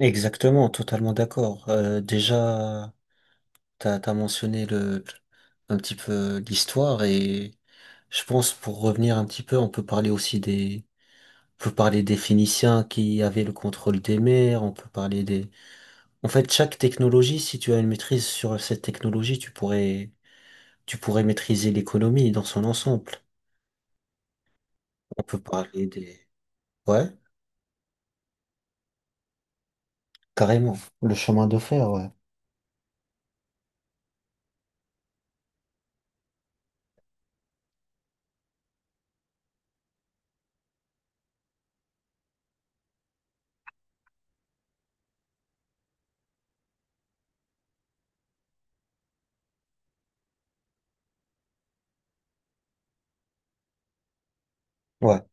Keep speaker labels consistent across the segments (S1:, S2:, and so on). S1: Exactement, totalement d'accord. Déjà, t'as mentionné un petit peu l'histoire et je pense pour revenir un petit peu, on peut parler aussi on peut parler des Phéniciens qui avaient le contrôle des mers, on peut parler en fait, chaque technologie, si tu as une maîtrise sur cette technologie, tu pourrais maîtriser l'économie dans son ensemble. On peut parler ouais, carrément, le chemin de fer, ouais. Ouais,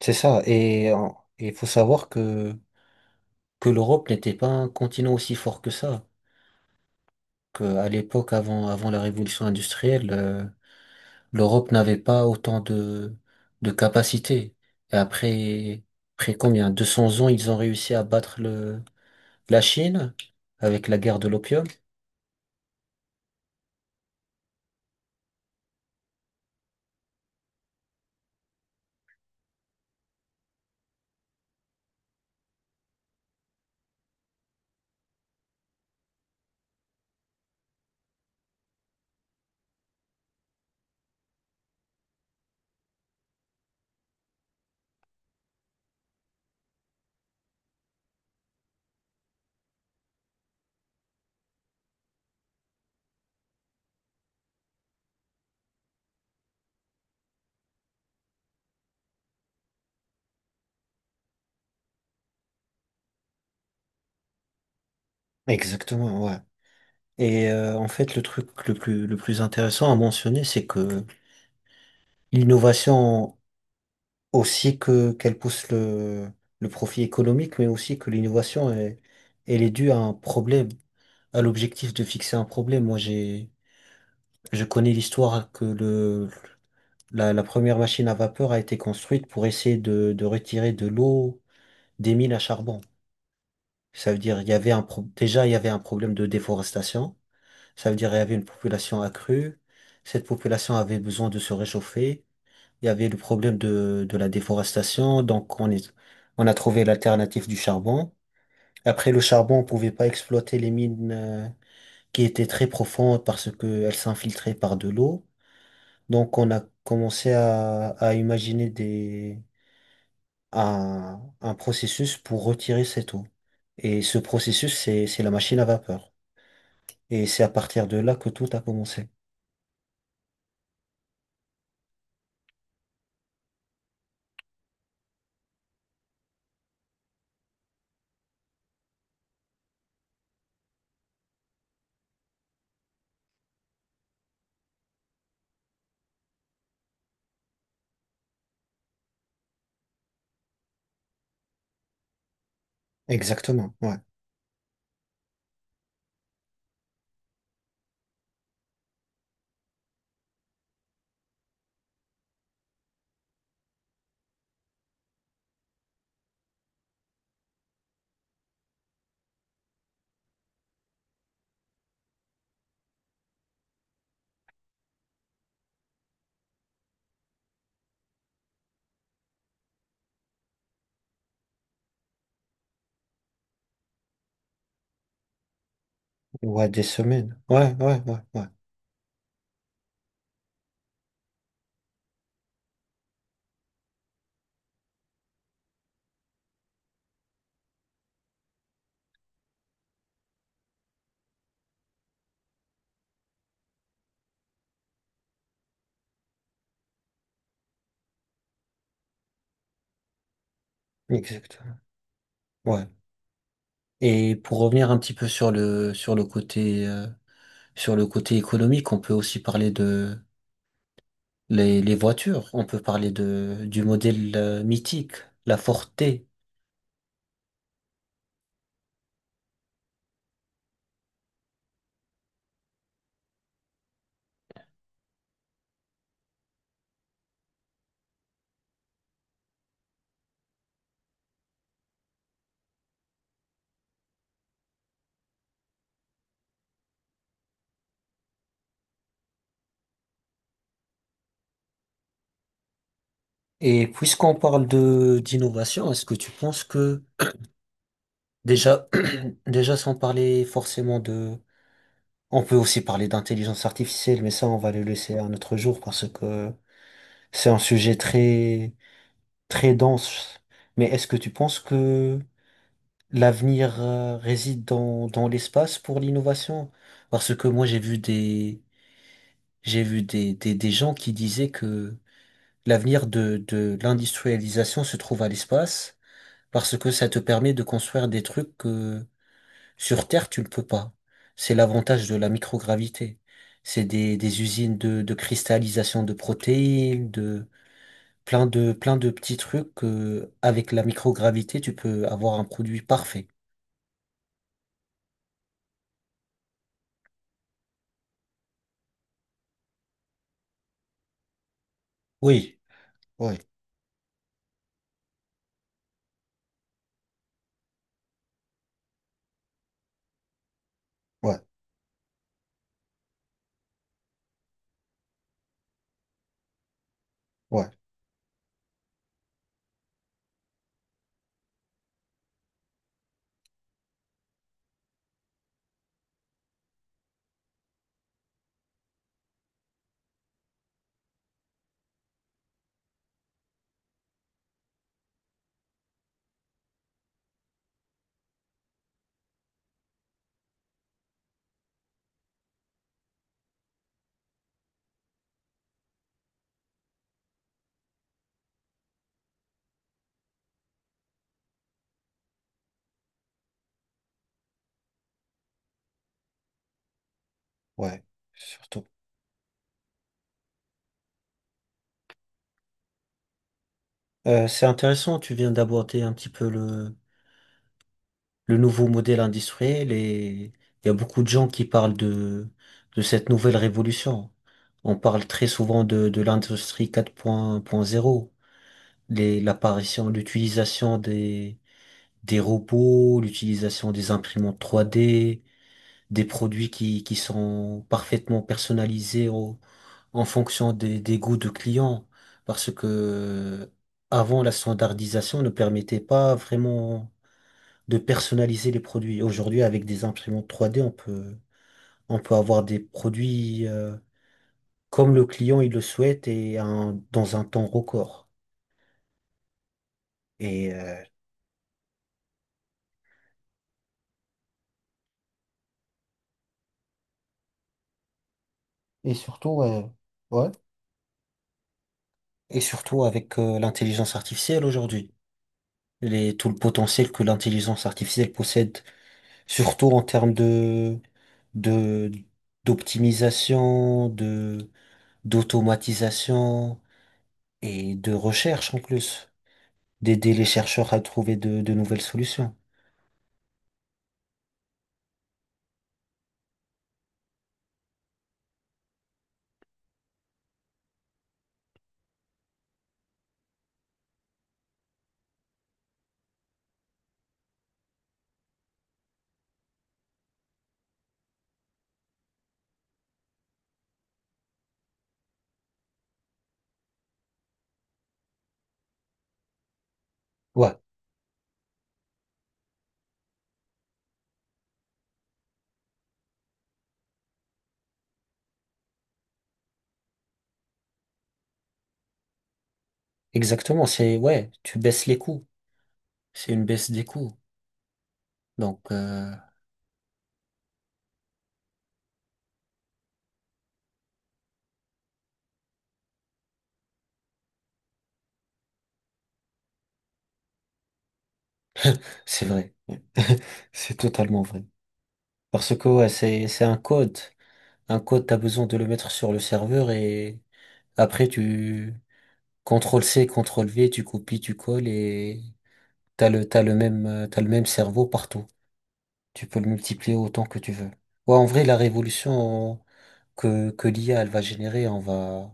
S1: c'est ça. Et il faut savoir que l'Europe n'était pas un continent aussi fort que ça, qu'à l'époque avant la révolution industrielle, l'Europe n'avait pas autant de capacités. Et après, après combien? 200 ans, ils ont réussi à battre la Chine avec la guerre de l'opium. Exactement, ouais. Et en fait, le truc le plus intéressant à mentionner, c'est que l'innovation, aussi que qu'elle pousse le profit économique, mais aussi que l'innovation, elle est due à un problème à l'objectif de fixer un problème. Moi, je connais l'histoire que la première machine à vapeur a été construite pour essayer de retirer de l'eau des mines à charbon. Ça veut dire, il y avait déjà, il y avait un problème de déforestation. Ça veut dire, il y avait une population accrue. Cette population avait besoin de se réchauffer. Il y avait le problème de la déforestation. Donc, on a trouvé l'alternative du charbon. Après, le charbon, on pouvait pas exploiter les mines, qui était très profonde parce qu'elle s'infiltrait par de l'eau. Donc on a commencé à imaginer un processus pour retirer cette eau. Et ce processus, c'est la machine à vapeur. Et c'est à partir de là que tout a commencé. Exactement, ouais. Ouais, des semaines. Ouais, ouais, ouais, ouais. Exactement. Ouais. Et pour revenir un petit peu sur sur le côté économique, on peut aussi parler les voitures. On peut parler du modèle mythique, la Forte. Et puisqu'on parle de d'innovation, est-ce que tu penses que déjà, déjà sans parler forcément on peut aussi parler d'intelligence artificielle, mais ça on va le laisser à un autre jour parce que c'est un sujet très très dense. Mais est-ce que tu penses que l'avenir réside dans l'espace pour l'innovation? Parce que moi j'ai vu des gens qui disaient que l'avenir de l'industrialisation se trouve à l'espace parce que ça te permet de construire des trucs que sur Terre tu ne peux pas. C'est l'avantage de la microgravité. C'est des usines de cristallisation de protéines, de plein de plein de petits trucs que avec la microgravité tu peux avoir un produit parfait. Oui. Oui. Ouais, ouais, ouais, surtout. C'est intéressant, tu viens d'aborder un petit peu le nouveau modèle industriel et il y a beaucoup de gens qui parlent de cette nouvelle révolution. On parle très souvent de l'industrie 4.0, l'apparition, l'utilisation des robots, l'utilisation des imprimantes 3D, des produits qui sont parfaitement personnalisés en fonction des goûts de clients. Parce que avant, la standardisation ne permettait pas vraiment de personnaliser les produits. Aujourd'hui, avec des imprimantes 3D, on peut avoir des produits comme le client il le souhaite et dans un temps record. Et, euh, et surtout, ouais, ouais. Et surtout avec l'intelligence artificielle aujourd'hui. Tout le potentiel que l'intelligence artificielle possède, surtout en termes de, d'optimisation, d'automatisation et de recherche en plus, d'aider les chercheurs à trouver de nouvelles solutions. Ouais, exactement. Ouais, tu baisses les coûts. C'est une baisse des coûts. Donc, c'est vrai. C'est totalement vrai. Parce que, ouais, c'est un code. Un code, t'as besoin de le mettre sur le serveur et après, CTRL-C, CTRL-V, tu copies, tu colles et t'as le même cerveau partout. Tu peux le multiplier autant que tu veux. Ouais, en vrai, la révolution que l'IA, elle va générer,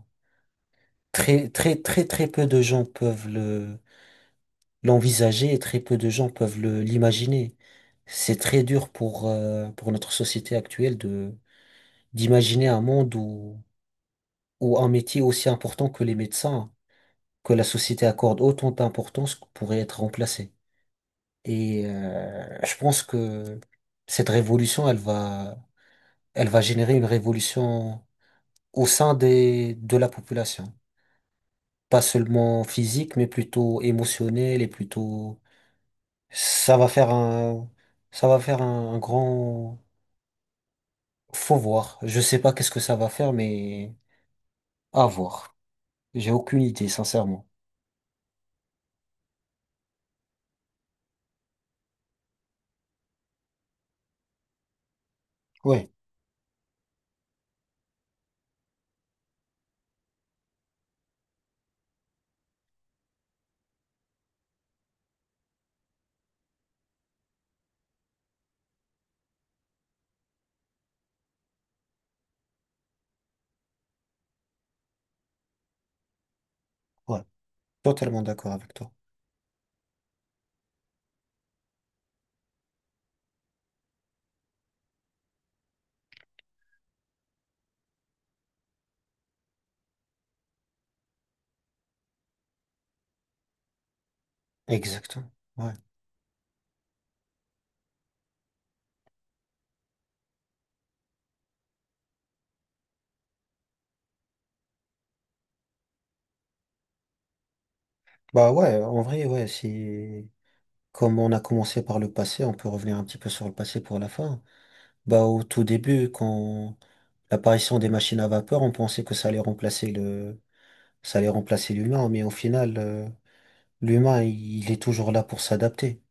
S1: très, très, très, très peu de gens peuvent l'envisager et très peu de gens peuvent l'imaginer. C'est très dur pour notre société actuelle d'imaginer un monde où un métier aussi important que les médecins, que la société accorde autant d'importance pourrait être remplacé. Et je pense que cette révolution, elle va générer une révolution au sein de la population. Pas seulement physique, mais plutôt émotionnelle et plutôt, ça va faire un, ça va faire un grand, faut voir. Je sais pas qu'est-ce que ça va faire, mais à voir. J'ai aucune idée, sincèrement. Ouais, ouais. Totalement d'accord avec toi. Exactement. Ouais. Bah ouais, en vrai, ouais, c'est. Comme on a commencé par le passé, on peut revenir un petit peu sur le passé pour la fin. Bah, au tout début, quand l'apparition des machines à vapeur, on pensait que ça allait remplacer ça allait remplacer l'humain, mais au final, l'humain, il est toujours là pour s'adapter.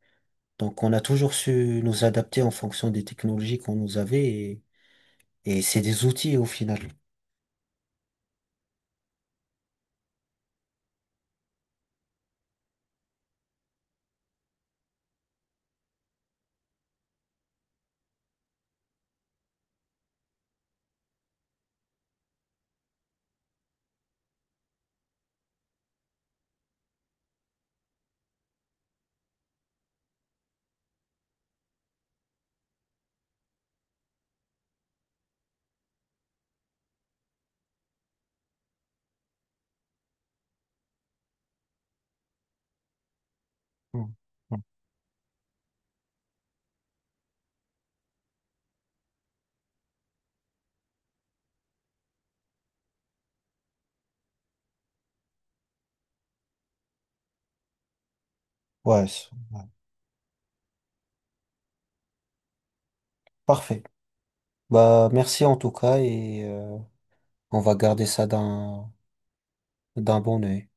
S1: Donc, on a toujours su nous adapter en fonction des technologies qu'on nous avait et c'est des outils au final. Mm. Mm. Ouais, ouais. Parfait. Bah, merci en tout cas et on va garder ça d'un bon œil.